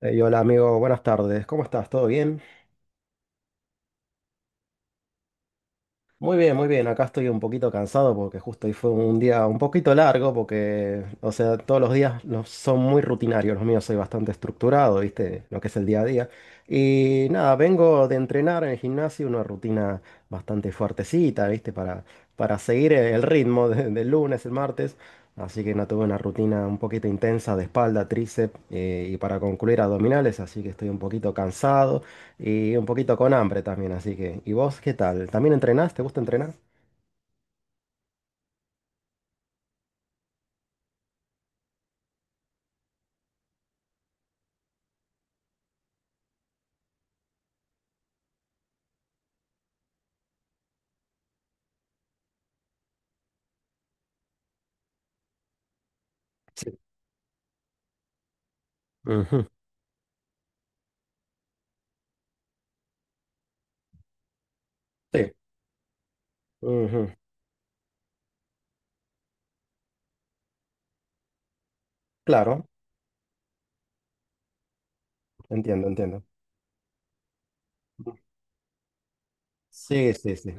Ey, hola amigo, buenas tardes. ¿Cómo estás? ¿Todo bien? Muy bien, muy bien. Acá estoy un poquito cansado porque justo hoy fue un día un poquito largo porque, o sea, todos los días son muy rutinarios. Los míos soy bastante estructurado, ¿viste? Lo que es el día a día. Y nada, vengo de entrenar en el gimnasio una rutina bastante fuertecita, ¿viste? Para seguir el ritmo del lunes, el martes. Así que no tuve una rutina un poquito intensa de espalda, tríceps, y para concluir abdominales, así que estoy un poquito cansado. Y un poquito con hambre también, así que. ¿Y vos qué tal? ¿También entrenás? ¿Te gusta entrenar? Sí. Ujú. Sí. Ujú. Claro, entiendo, entiendo. Sí, sí, sí.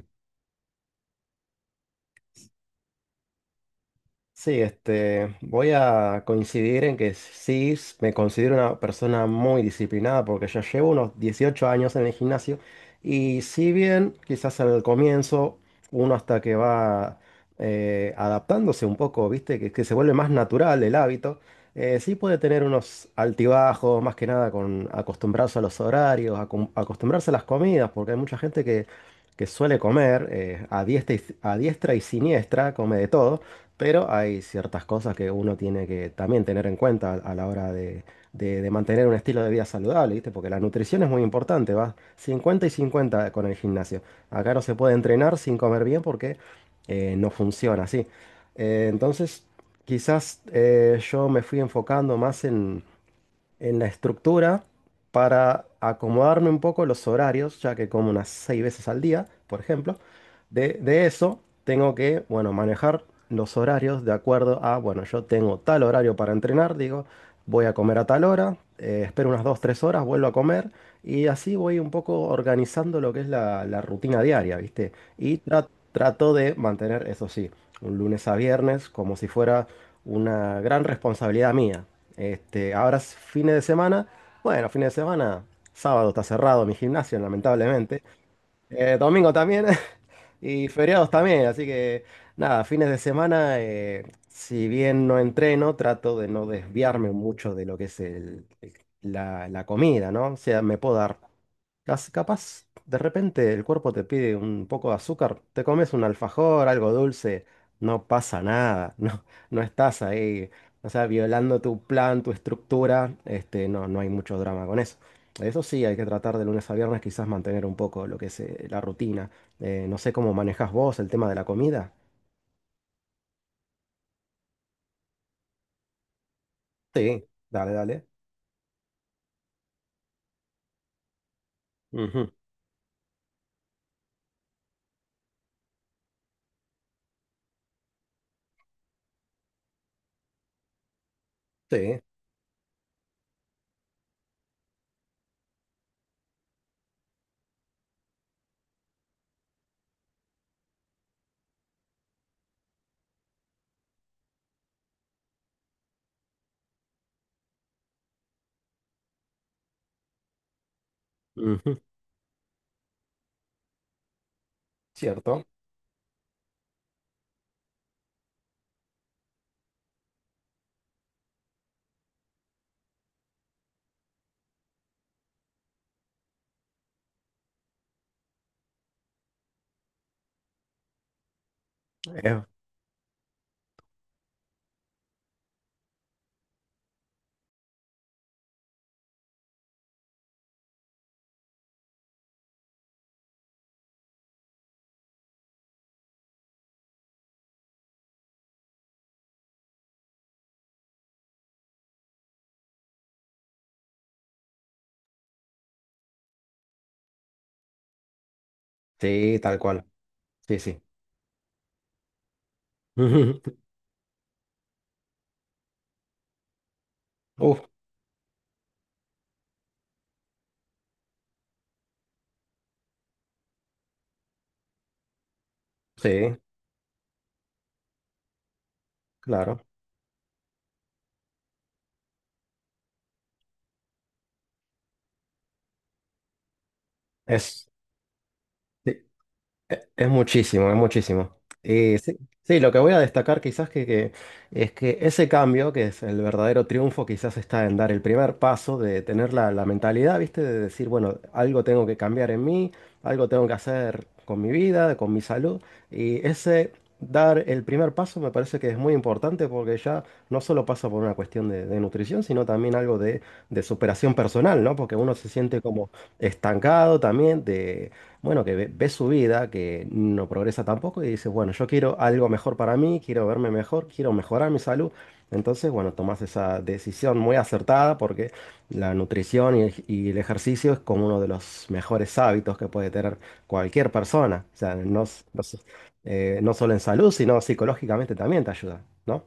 Sí, este, voy a coincidir en que sí me considero una persona muy disciplinada porque ya llevo unos 18 años en el gimnasio, y si bien quizás al comienzo uno hasta que va adaptándose un poco, viste, que se vuelve más natural el hábito, sí puede tener unos altibajos, más que nada con acostumbrarse a los horarios, acostumbrarse a las comidas, porque hay mucha gente que suele comer, a diestra y siniestra, come de todo. Pero hay ciertas cosas que uno tiene que también tener en cuenta a la hora de mantener un estilo de vida saludable, ¿viste? Porque la nutrición es muy importante, va 50 y 50 con el gimnasio. Acá no se puede entrenar sin comer bien porque no funciona así. Entonces, quizás, yo me fui enfocando más en la estructura para acomodarme un poco los horarios, ya que como unas seis veces al día, por ejemplo. De eso tengo que, bueno, manejar los horarios de acuerdo a, bueno, yo tengo tal horario para entrenar, digo, voy a comer a tal hora, espero unas dos, tres horas, vuelvo a comer, y así voy un poco organizando lo que es la rutina diaria, ¿viste? Y trato de mantener, eso sí, un lunes a viernes como si fuera una gran responsabilidad mía. Este, ahora es fines de semana. Bueno, fines de semana. Sábado está cerrado mi gimnasio, lamentablemente. Domingo también. Y feriados también. Así que nada, fines de semana, si bien no entreno, trato de no desviarme mucho de lo que es la comida, ¿no? O sea, me puedo dar. Capaz, de repente el cuerpo te pide un poco de azúcar, te comes un alfajor, algo dulce, no pasa nada, no estás ahí, o sea, violando tu plan, tu estructura, este, no hay mucho drama con eso. Eso sí, hay que tratar de lunes a viernes quizás mantener un poco lo que es, la rutina. No sé cómo manejas vos el tema de la comida. Sí, dale, dale. Ujú. Sí, ujú. Cierto. Eh, sí, tal cual. Sí, sí. Uf, sí, claro. Es Sí, es muchísimo, es muchísimo. Y sí, sí, lo que voy a destacar quizás, es que ese cambio, que es el verdadero triunfo, quizás está en dar el primer paso de tener la mentalidad, ¿viste? De decir, bueno, algo tengo que cambiar en mí, algo tengo que hacer con mi vida, con mi salud. Y ese dar el primer paso me parece que es muy importante porque ya no solo pasa por una cuestión de nutrición, sino también algo de superación personal, ¿no? Porque uno se siente como estancado también. Bueno, que ve su vida, que no progresa tampoco, y dice, bueno, yo quiero algo mejor para mí, quiero verme mejor, quiero mejorar mi salud. Entonces, bueno, tomas esa decisión muy acertada porque la nutrición y el ejercicio es como uno de los mejores hábitos que puede tener cualquier persona. O sea, no solo en salud, sino psicológicamente también te ayuda, ¿no?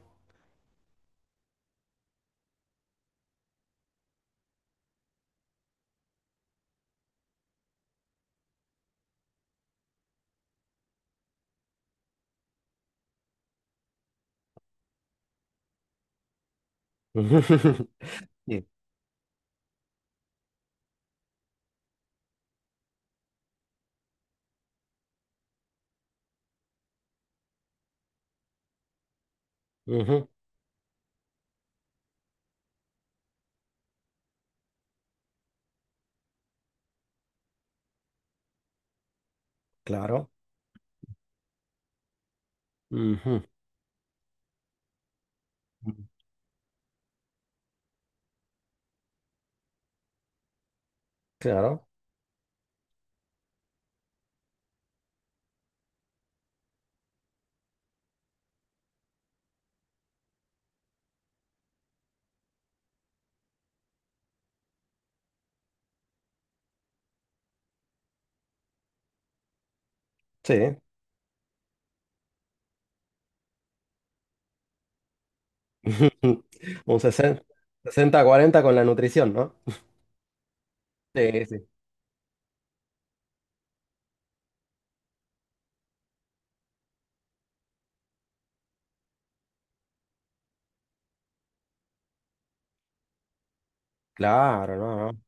Sí. Ujú. Claro. Ujú. Claro. Sí. Un sesenta cuarenta con la nutrición, ¿no? Sí, sí. Claro, no,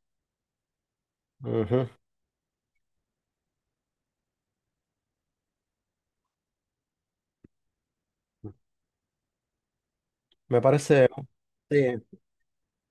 no. Ujú. Me parece, sí.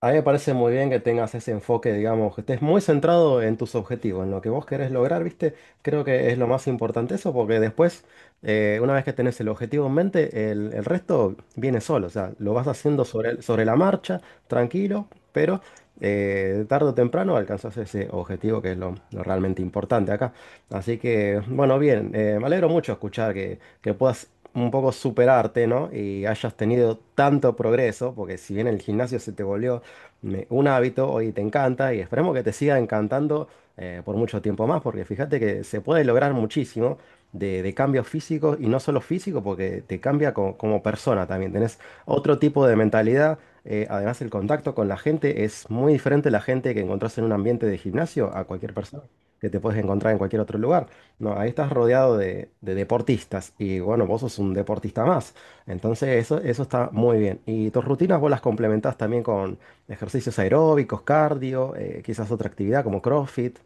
A mí me parece muy bien que tengas ese enfoque, digamos, que estés muy centrado en tus objetivos, en lo que vos querés lograr, ¿viste? Creo que es lo más importante eso, porque después, una vez que tenés el objetivo en mente, el resto viene solo, o sea, lo vas haciendo sobre la marcha, tranquilo, pero, tarde o temprano alcanzás ese objetivo que es lo realmente importante acá. Así que, bueno, bien, me alegro mucho escuchar que puedas un poco superarte, ¿no? Y hayas tenido tanto progreso, porque si bien el gimnasio se te volvió un hábito, hoy te encanta y esperemos que te siga encantando por mucho tiempo más, porque fíjate que se puede lograr muchísimo de cambios físicos, y no solo físico, porque te cambia como persona también, tenés otro tipo de mentalidad. Además, el contacto con la gente es muy diferente: a la gente que encontrás en un ambiente de gimnasio, a cualquier persona que te puedes encontrar en cualquier otro lugar. No, ahí estás rodeado de deportistas y, bueno, vos sos un deportista más. Entonces, eso está muy bien. Y tus rutinas vos las complementás también con ejercicios aeróbicos, cardio, quizás otra actividad como CrossFit.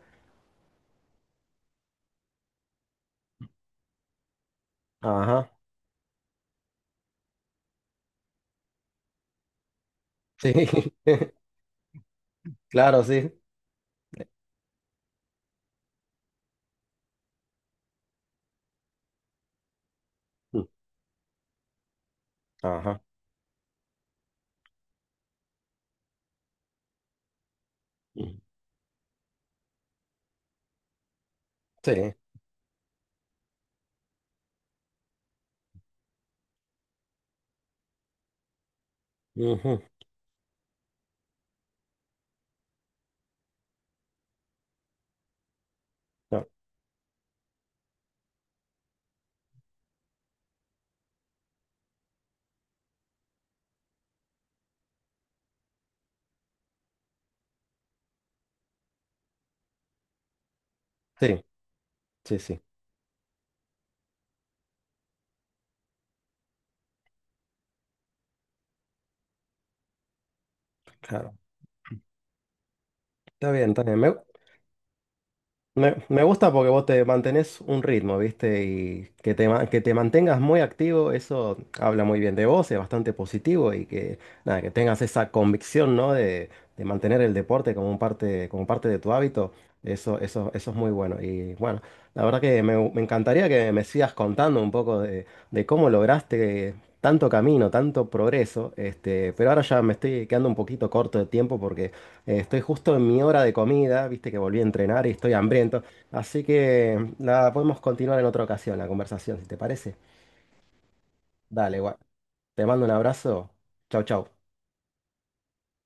Ajá. Sí, claro, sí. Mm. Ajá. Mm. Sí. Ujú. No. Sí, sí, sí. Claro. Está bien, está bien. Me gusta porque vos te mantenés un ritmo, ¿viste? Y que que te mantengas muy activo, eso habla muy bien de vos, es bastante positivo. Y que, nada, que tengas esa convicción, ¿no? De mantener el deporte como como parte de tu hábito, eso es muy bueno. Y bueno, la verdad que me encantaría que me sigas contando un poco de cómo lograste tanto camino, tanto progreso, este, pero ahora ya me estoy quedando un poquito corto de tiempo porque estoy justo en mi hora de comida, viste que volví a entrenar y estoy hambriento, así que la podemos continuar en otra ocasión la conversación, si te parece. Dale, guay. Te mando un abrazo. Chau, chau.